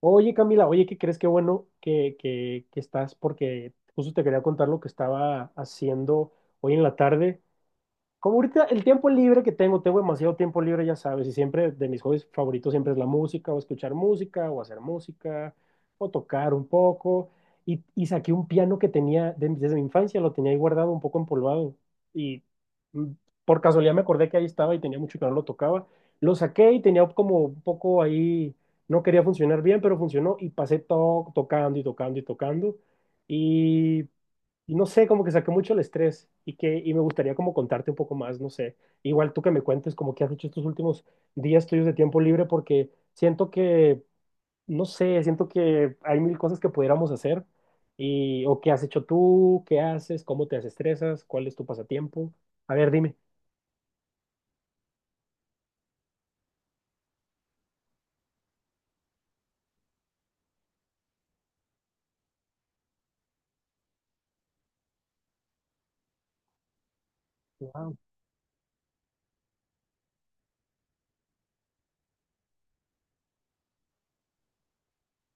Oye, Camila, oye, ¿qué crees? Qué bueno que estás, porque justo te quería contar lo que estaba haciendo hoy en la tarde. Como ahorita el tiempo libre que tengo, tengo demasiado tiempo libre, ya sabes, y siempre de mis hobbies favoritos siempre es la música, o escuchar música, o hacer música, o tocar un poco. Y saqué un piano que desde mi infancia, lo tenía ahí guardado un poco empolvado. Y mm, por casualidad me acordé que ahí estaba y tenía mucho que no lo tocaba. Lo saqué y tenía como un poco ahí, no quería funcionar bien, pero funcionó y pasé tocando y tocando y tocando. Y y no sé, como que saqué mucho el estrés y que y me gustaría como contarte un poco más, no sé. Igual tú que me cuentes como que has hecho estos últimos días tuyos de tiempo libre porque siento que, no sé, siento que hay mil cosas que pudiéramos hacer y o qué has hecho tú, qué haces, cómo te desestresas, cuál es tu pasatiempo. A ver, dime. Wow.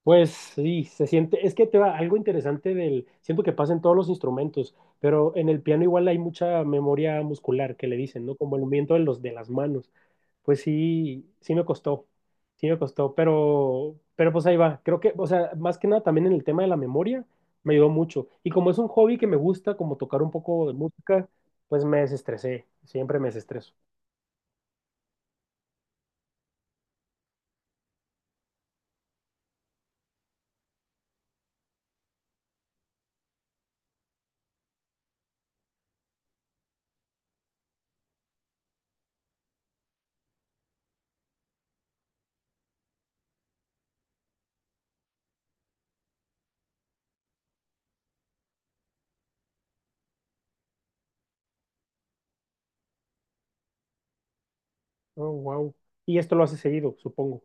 Pues sí, se siente, es que te va algo interesante del, siento que pasa en todos los instrumentos, pero en el piano igual hay mucha memoria muscular que le dicen, ¿no? Como el movimiento de los de las manos. Pues sí, sí me costó, pero pues ahí va. Creo que, o sea, más que nada también en el tema de la memoria me ayudó mucho. Y como es un hobby que me gusta, como tocar un poco de música, pues me desestresé, siempre me desestreso. Oh, wow. Y esto lo hace seguido, supongo.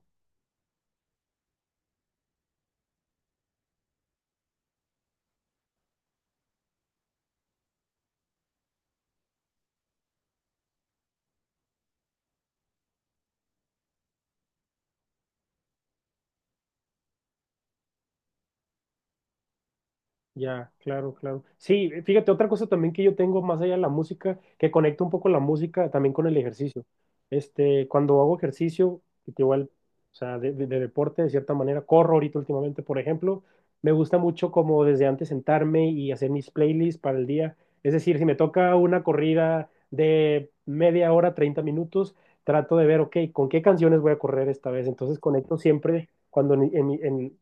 Ya, claro, claro. Sí, fíjate, otra cosa también que yo tengo más allá de la música, que conecto un poco la música también con el ejercicio. Este, cuando hago ejercicio, que igual, o sea, de deporte de cierta manera, corro ahorita últimamente, por ejemplo, me gusta mucho como desde antes sentarme y hacer mis playlists para el día. Es decir, si me toca una corrida de media hora, 30 minutos, trato de ver, ok, ¿con qué canciones voy a correr esta vez? Entonces conecto siempre cuando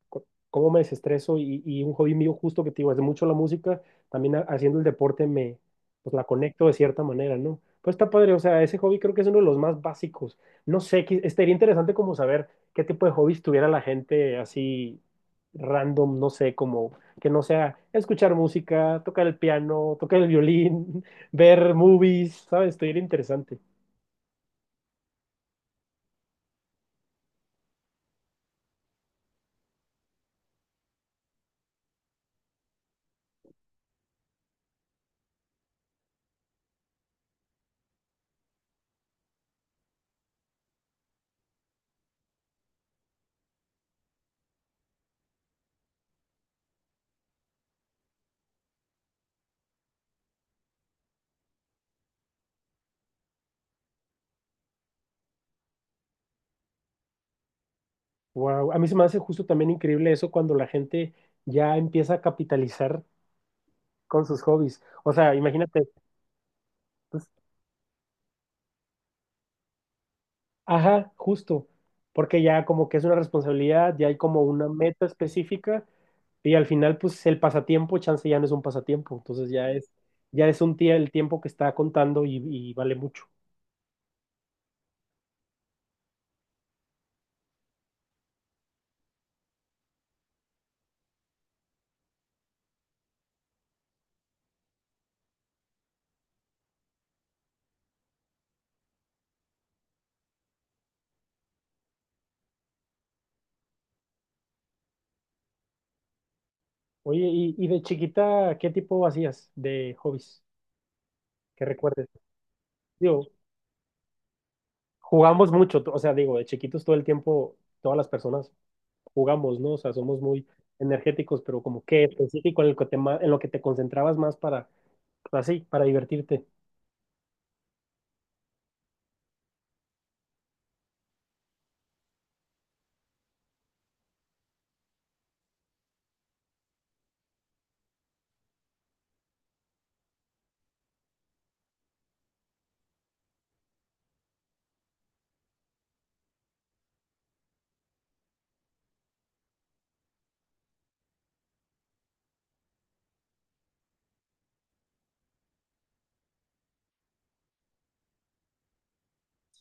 cómo me desestreso y un hobby mío justo que te digo, es mucho la música, también haciendo el deporte me, pues la conecto de cierta manera, ¿no? Pues está padre, o sea, ese hobby creo que es uno de los más básicos. No sé, estaría interesante como saber qué tipo de hobbies tuviera la gente así random, no sé, como que no sea escuchar música, tocar el piano, tocar el violín, ver movies, ¿sabes? Estaría interesante. Wow, a mí se me hace justo también increíble eso cuando la gente ya empieza a capitalizar con sus hobbies. O sea, imagínate, pues, ajá, justo, porque ya como que es una responsabilidad, ya hay como una meta específica y al final pues el pasatiempo, chance ya no es un pasatiempo, entonces ya es un día el tiempo que está contando y vale mucho. Oye, y de chiquita, ¿qué tipo hacías de hobbies que recuerdes? Digo, jugamos mucho, o sea, digo, de chiquitos todo el tiempo, todas las personas jugamos, ¿no? O sea, somos muy energéticos, pero como que específico en el que en lo que te concentrabas más para así, para divertirte.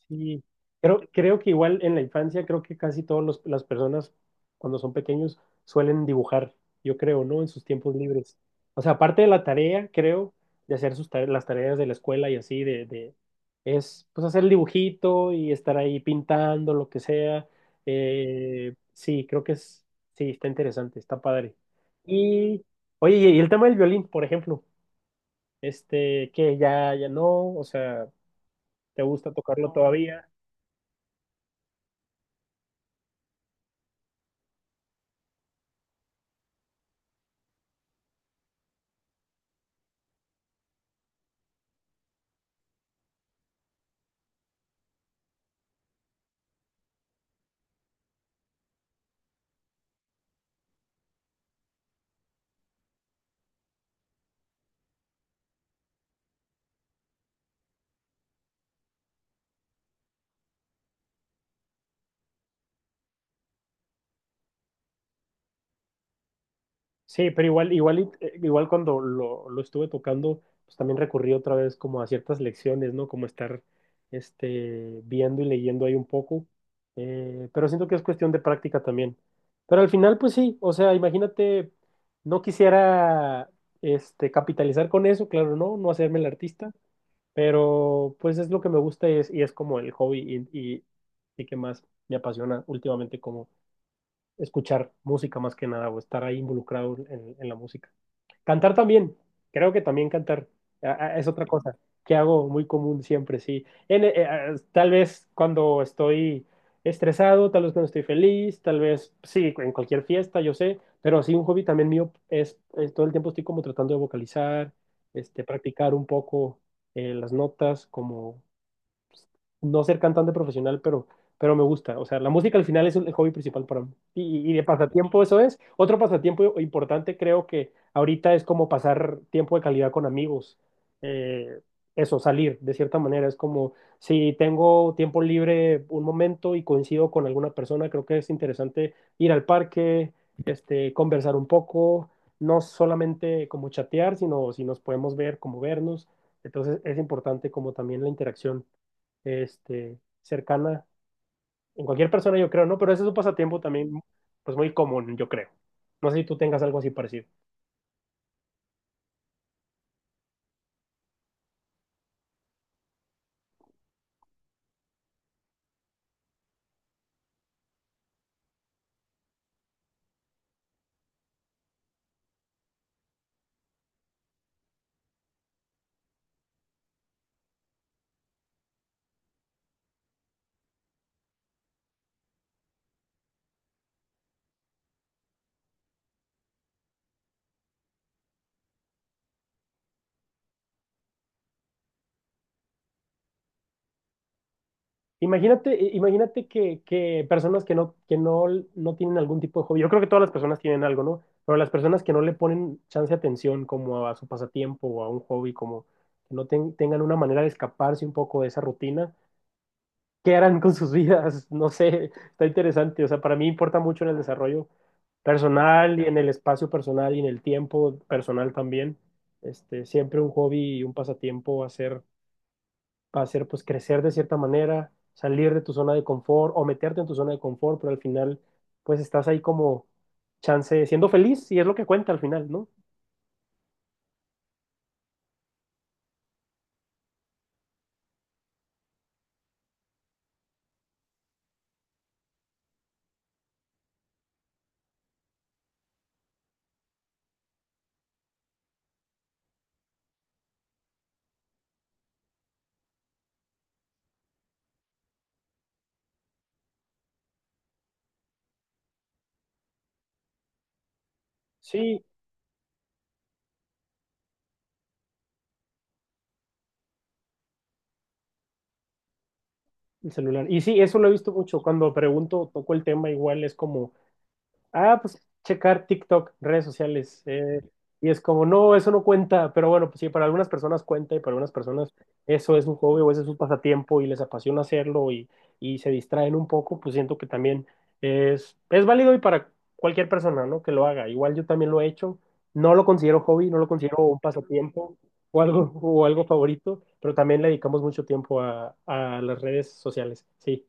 Sí, creo, creo que igual en la infancia, creo que casi todas las personas cuando son pequeños suelen dibujar, yo creo, ¿no? En sus tiempos libres. O sea, aparte de la tarea, creo, de hacer las tareas de la escuela y así, es pues hacer el dibujito y estar ahí pintando, lo que sea. Sí, creo que es, sí, está interesante, está padre. Y, oye, y el tema del violín, por ejemplo, este, que ya no, o sea... ¿Te gusta tocarlo No. todavía? Sí, pero igual, igual, igual cuando lo estuve tocando, pues también recurrí otra vez como a ciertas lecciones, ¿no? Como estar este, viendo y leyendo ahí un poco. Pero siento que es cuestión de práctica también. Pero al final, pues sí, o sea, imagínate, no quisiera este, capitalizar con eso, claro, no, no hacerme el artista, pero pues es lo que me gusta y es como el hobby y que más me apasiona últimamente como escuchar música más que nada o estar ahí involucrado en la música. Cantar también, creo que también cantar ah, es otra cosa que hago muy común siempre, sí. Tal vez cuando estoy estresado, tal vez cuando estoy feliz, tal vez, sí, en cualquier fiesta, yo sé, pero sí, un hobby también mío es todo el tiempo estoy como tratando de vocalizar, este, practicar un poco las notas, como no ser cantante profesional, pero me gusta. O sea, la música al final es el hobby principal para mí. Y de pasatiempo eso es. Otro pasatiempo importante creo que ahorita es como pasar tiempo de calidad con amigos. Eh, eso, salir de cierta manera. Es como si tengo tiempo libre un momento y coincido con alguna persona, creo que es interesante ir al parque, este, conversar un poco, no solamente como chatear, sino si nos podemos ver, como vernos. Entonces es importante como también la interacción este, cercana en cualquier persona, yo creo, ¿no? Pero ese es un pasatiempo también, pues muy común, yo creo. No sé si tú tengas algo así parecido. Imagínate, imagínate que personas que no tienen algún tipo de hobby, yo creo que todas las personas tienen algo, ¿no? Pero las personas que no le ponen chance de atención como a su pasatiempo o a un hobby, como que no tengan una manera de escaparse un poco de esa rutina qué harán con sus vidas, no sé, está interesante, o sea, para mí importa mucho en el desarrollo personal y en el espacio personal y en el tiempo personal también. Este, siempre un hobby y un pasatiempo va a ser pues crecer de cierta manera, salir de tu zona de confort o meterte en tu zona de confort, pero al final pues estás ahí como chance siendo feliz y es lo que cuenta al final, ¿no? Sí, el celular. Y sí, eso lo he visto mucho cuando pregunto, toco el tema igual es como ah, pues checar TikTok, redes sociales. Eh, y es como, no, eso no cuenta, pero bueno, pues sí, para algunas personas cuenta y para algunas personas eso es un hobby o ese es un pasatiempo y les apasiona hacerlo y se distraen un poco, pues siento que también es válido y para cualquier persona, ¿no? Que lo haga. Igual yo también lo he hecho, no lo considero hobby, no lo considero un pasatiempo o algo favorito, pero también le dedicamos mucho tiempo a las redes sociales, sí.